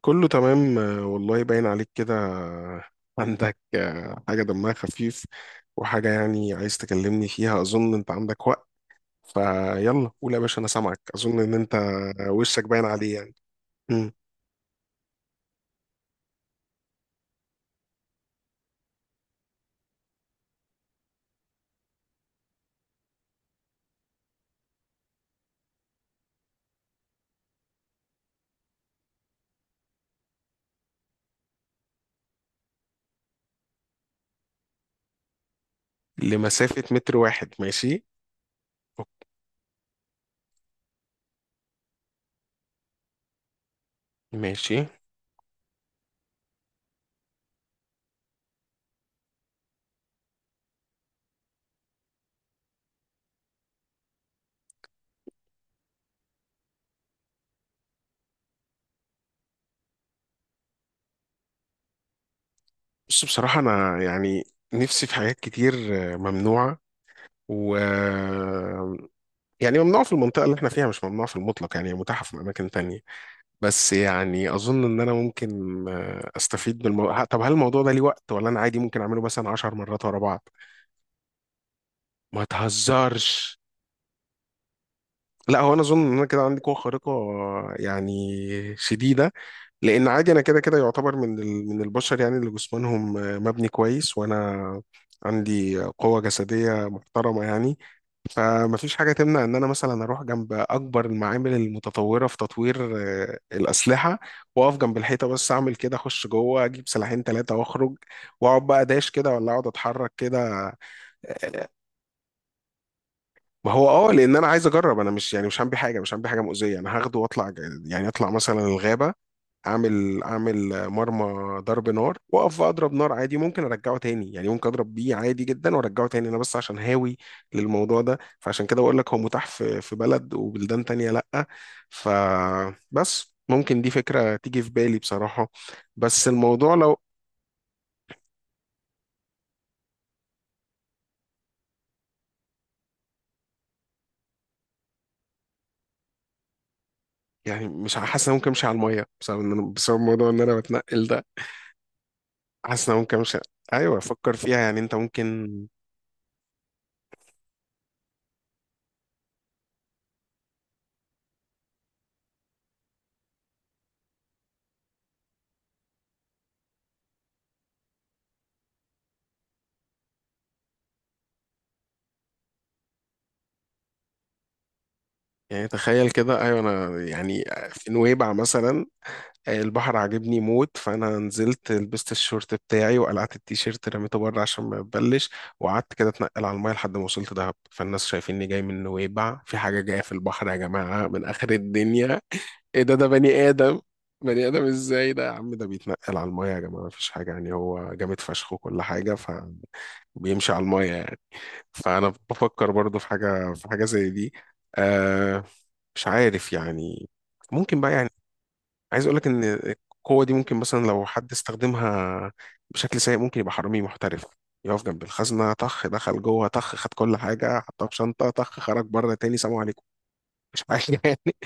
كله تمام والله باين عليك كده. عندك حاجة دمها خفيف، وحاجة يعني عايز تكلمني فيها. أظن أنت عندك وقت، فيلا قول يا باشا، أنا سامعك. أظن إن أنت وشك باين عليه يعني. مم. لمسافة متر واحد. ماشي. ماشي. بص، بصراحة أنا يعني نفسي في حاجات كتير ممنوعة، و يعني ممنوعة في المنطقة اللي احنا فيها، مش ممنوعة في المطلق، يعني متاحة في أماكن تانية. بس يعني اظن ان انا ممكن استفيد بالموضوع. طب هل الموضوع ده ليه وقت، ولا انا عادي ممكن اعمله مثلا 10 مرات ورا بعض؟ ما تهزرش. لا، هو انا اظن ان انا كده عندي قوه خارقه يعني شديده، لان عادي انا كده كده يعتبر من من البشر، يعني اللي جسمانهم مبني كويس، وانا عندي قوه جسديه محترمه يعني. فمفيش حاجة تمنع إن أنا مثلا أروح جنب أكبر المعامل المتطورة في تطوير الأسلحة، وأقف جنب الحيطة، بس أعمل كده، أخش جوه أجيب سلاحين تلاتة وأخرج، وأقعد بقى داش كده، ولا أقعد أتحرك كده. آه، ما هو لأن أنا عايز أجرب، أنا مش يعني مش هعمل حاجة، مش هعمل حاجة مؤذية، أنا هاخده وأطلع يعني أطلع مثلا الغابة، اعمل مرمى ضرب نار، واقف اضرب نار عادي، ممكن ارجعه تاني. يعني ممكن اضرب بيه عادي جدا وارجعه تاني، انا بس عشان هاوي للموضوع ده، فعشان كده بقول لك هو متاح في بلد وبلدان تانية، لا. فبس ممكن دي فكرة تيجي في بالي بصراحة. بس الموضوع لو يعني، مش حاسس ان أنا ممكن امشي على المية بسبب ان انا موضوع ان انا بتنقل ده. حاسس ان أنا ممكن امشي. ايوه، فكر فيها يعني، انت ممكن يعني تخيل كده. ايوه، انا يعني في نويبع مثلا، البحر عاجبني موت، فانا نزلت لبست الشورت بتاعي وقلعت التيشيرت، رميته بره عشان ما يتبلش، وقعدت كده اتنقل على الميه لحد ما وصلت دهب. فالناس شايفيني جاي من نويبع، في حاجه جايه في البحر يا جماعه من اخر الدنيا، ايه ده بني ادم، بني ادم ازاي ده يا عم؟ ده بيتنقل على المايه يا جماعه، مفيش حاجه يعني، هو جامد فشخ وكل حاجه فبيمشي على المايه يعني. فانا بفكر برضو في حاجه زي دي. آه مش عارف يعني، ممكن بقى. عايز اقول لك ان القوه دي ممكن مثلا لو حد استخدمها بشكل سيء، ممكن يبقى حرامي محترف، يقف جنب الخزنه، طخ دخل جوه، طخ خد كل حاجه حطها في شنطه، طخ خرج بره تاني، سلام عليكم، مش حاجه يعني.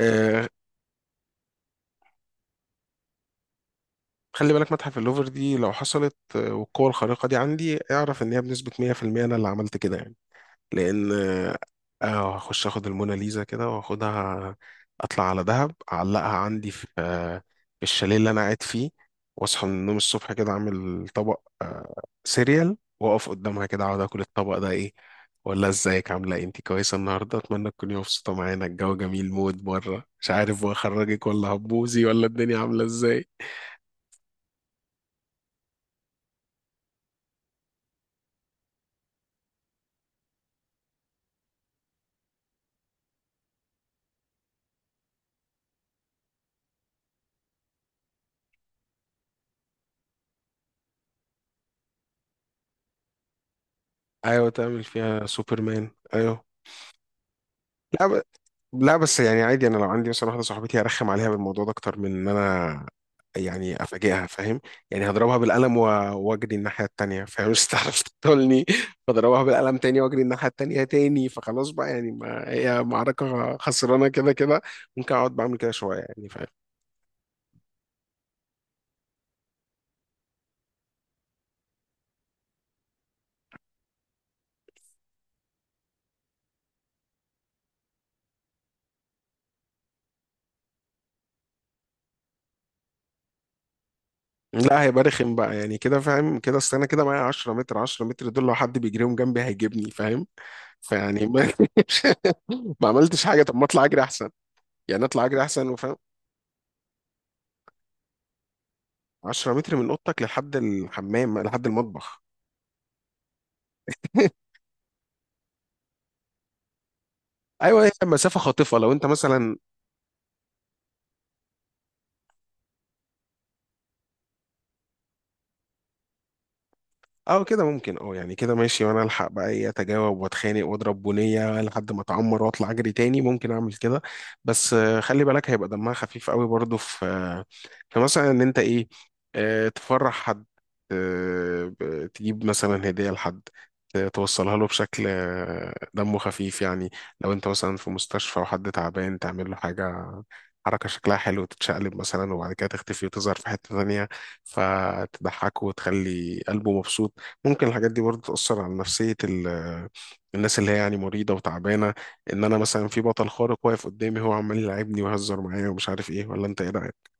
آه خلي بالك، متحف اللوفر دي لو حصلت والقوه الخارقه دي عندي، اعرف ان هي بنسبه 100% انا اللي عملت كده يعني. لان اه هخش اخد الموناليزا كده واخدها، اطلع على دهب، اعلقها عندي في الشاليه اللي انا قاعد فيه، واصحى من النوم الصبح كده، اعمل طبق سيريال، واقف قدامها كده اقعد اكل الطبق، ده ايه، ولا ازيك عامله ايه، انت كويسه النهارده، اتمنى تكوني مبسوطه معانا، الجو جميل، مود بره مش عارف، واخرجك ولا هبوزي، ولا الدنيا عامله ازاي. ايوه تعمل فيها سوبرمان، ايوه. لا، لا، بس يعني عادي، انا لو عندي مثلا واحده صاحبتي هرخم عليها بالموضوع ده اكتر من ان انا يعني افاجئها، فاهم؟ يعني هضربها بالقلم واجري الناحيه التانيه، فاهم؟ مش هتعرف تقتلني، فاضربها بالقلم تاني واجري الناحيه التانيه تاني، فخلاص بقى يعني، ما هي معركه خسرانه كده كده. ممكن اقعد بعمل كده شويه، يعني فاهم. لا، هيبقى رخم بقى يعني كده، فاهم كده، اصل انا كده معايا 10 متر، 10 متر دول لو حد بيجريهم جنبي هيجيبني، فاهم. فيعني ما ما عملتش حاجه، طب ما اطلع اجري احسن، يعني اطلع اجري احسن. 10 متر من اوضتك لحد الحمام لحد المطبخ. ايوه، هي مسافه خاطفه لو انت مثلا. اه كده ممكن، يعني كده ماشي، وانا الحق بقى ايه، اتجاوب واتخانق واضرب بنيه لحد ما اتعمر، واطلع اجري تاني، ممكن اعمل كده. بس خلي بالك، هيبقى دمها خفيف قوي برضو، في في مثلا ان انت ايه، تفرح حد، تجيب مثلا هديه لحد، توصلها له بشكل دمه خفيف يعني. لو انت مثلا في مستشفى وحد تعبان، تعمل له حاجه، حركة شكلها حلو، تتشقلب مثلا وبعد كده تختفي وتظهر في حتة تانية، فتضحكه وتخلي قلبه مبسوط. ممكن الحاجات دي برضه تأثر على نفسية الناس اللي هي يعني مريضة وتعبانة، إن أنا مثلا في بطل خارق واقف قدامي هو عمال يلعبني ويهزر معايا ومش عارف إيه، ولا أنت إيه رأيك؟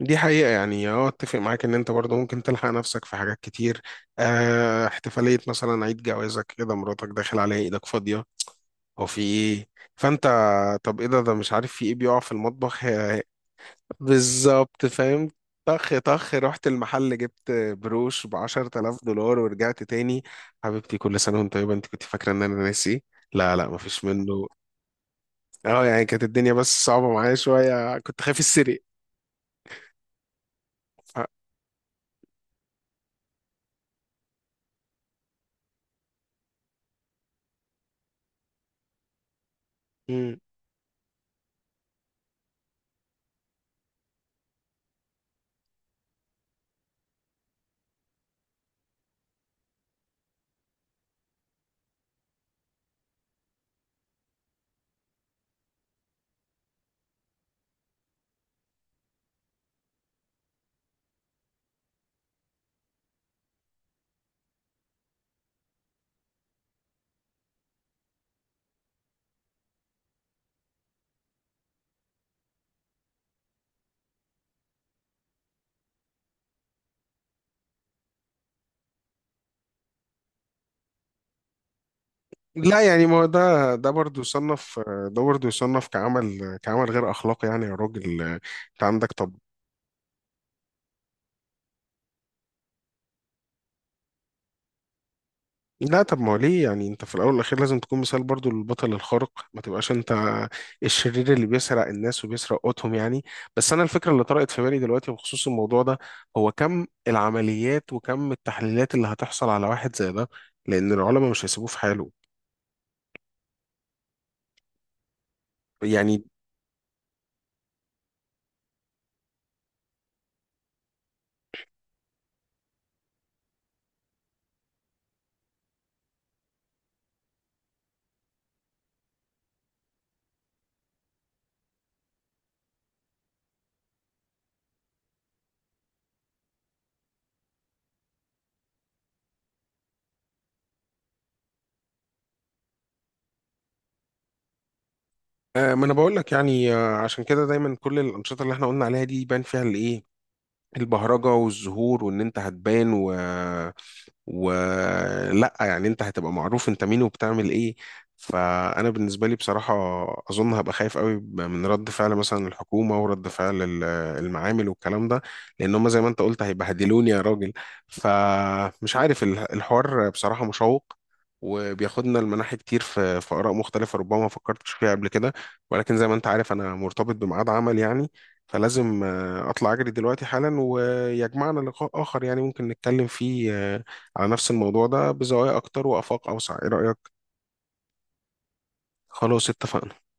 دي حقيقة، يعني أتفق معاك إن أنت برضه ممكن تلحق نفسك في حاجات كتير. احتفالية مثلا عيد جوازك كده، مراتك داخل عليها إيدك فاضية، هو في إيه؟ فأنت، طب إيه ده؟ مش عارف في إيه بيقع في المطبخ هي. بالظبط فاهم. طخ طخ، رحت المحل جبت بروش ب 10,000 دولار ورجعت تاني. حبيبتي كل سنة وانت طيبة، انت كنت فاكرة ان انا ناسي؟ لا، لا، مفيش منه. اه يعني كانت الدنيا بس صعبة معايا شوية، كنت خايف السرق. ف... مم. لا، يعني ما هو ده برضه يصنف، ده برضه يصنف كعمل غير اخلاقي. يعني يا راجل انت عندك. لا، طب ما هو ليه، يعني انت في الاول والاخير لازم تكون مثال برضو للبطل الخارق، ما تبقاش انت الشرير اللي بيسرق الناس وبيسرق قوتهم يعني. بس انا الفكره اللي طرقت في بالي دلوقتي بخصوص الموضوع ده، هو كم العمليات وكم التحليلات اللي هتحصل على واحد زي ده، لان العلماء مش هيسيبوه في حاله يعني. ما انا بقول لك يعني، عشان كده دايما كل الانشطه اللي احنا قلنا عليها دي يبان فيها الايه، البهرجه والزهور، وان انت هتبان ولا يعني انت هتبقى معروف انت مين وبتعمل ايه. فانا بالنسبه لي بصراحه، اظن هبقى خايف قوي من رد فعل مثلا الحكومه ورد فعل المعامل والكلام ده، لان هم زي ما انت قلت هيبهدلوني يا راجل. فمش عارف الحوار بصراحه مشوق، وبياخدنا لمناحي كتير في آراء مختلفة ربما ما فكرتش فيها قبل كده. ولكن زي ما أنت عارف أنا مرتبط بميعاد عمل يعني، فلازم أطلع أجري دلوقتي حالا، ويجمعنا لقاء آخر يعني، ممكن نتكلم فيه على نفس الموضوع ده بزوايا أكتر وآفاق أوسع، إيه رأيك؟ خلاص اتفقنا.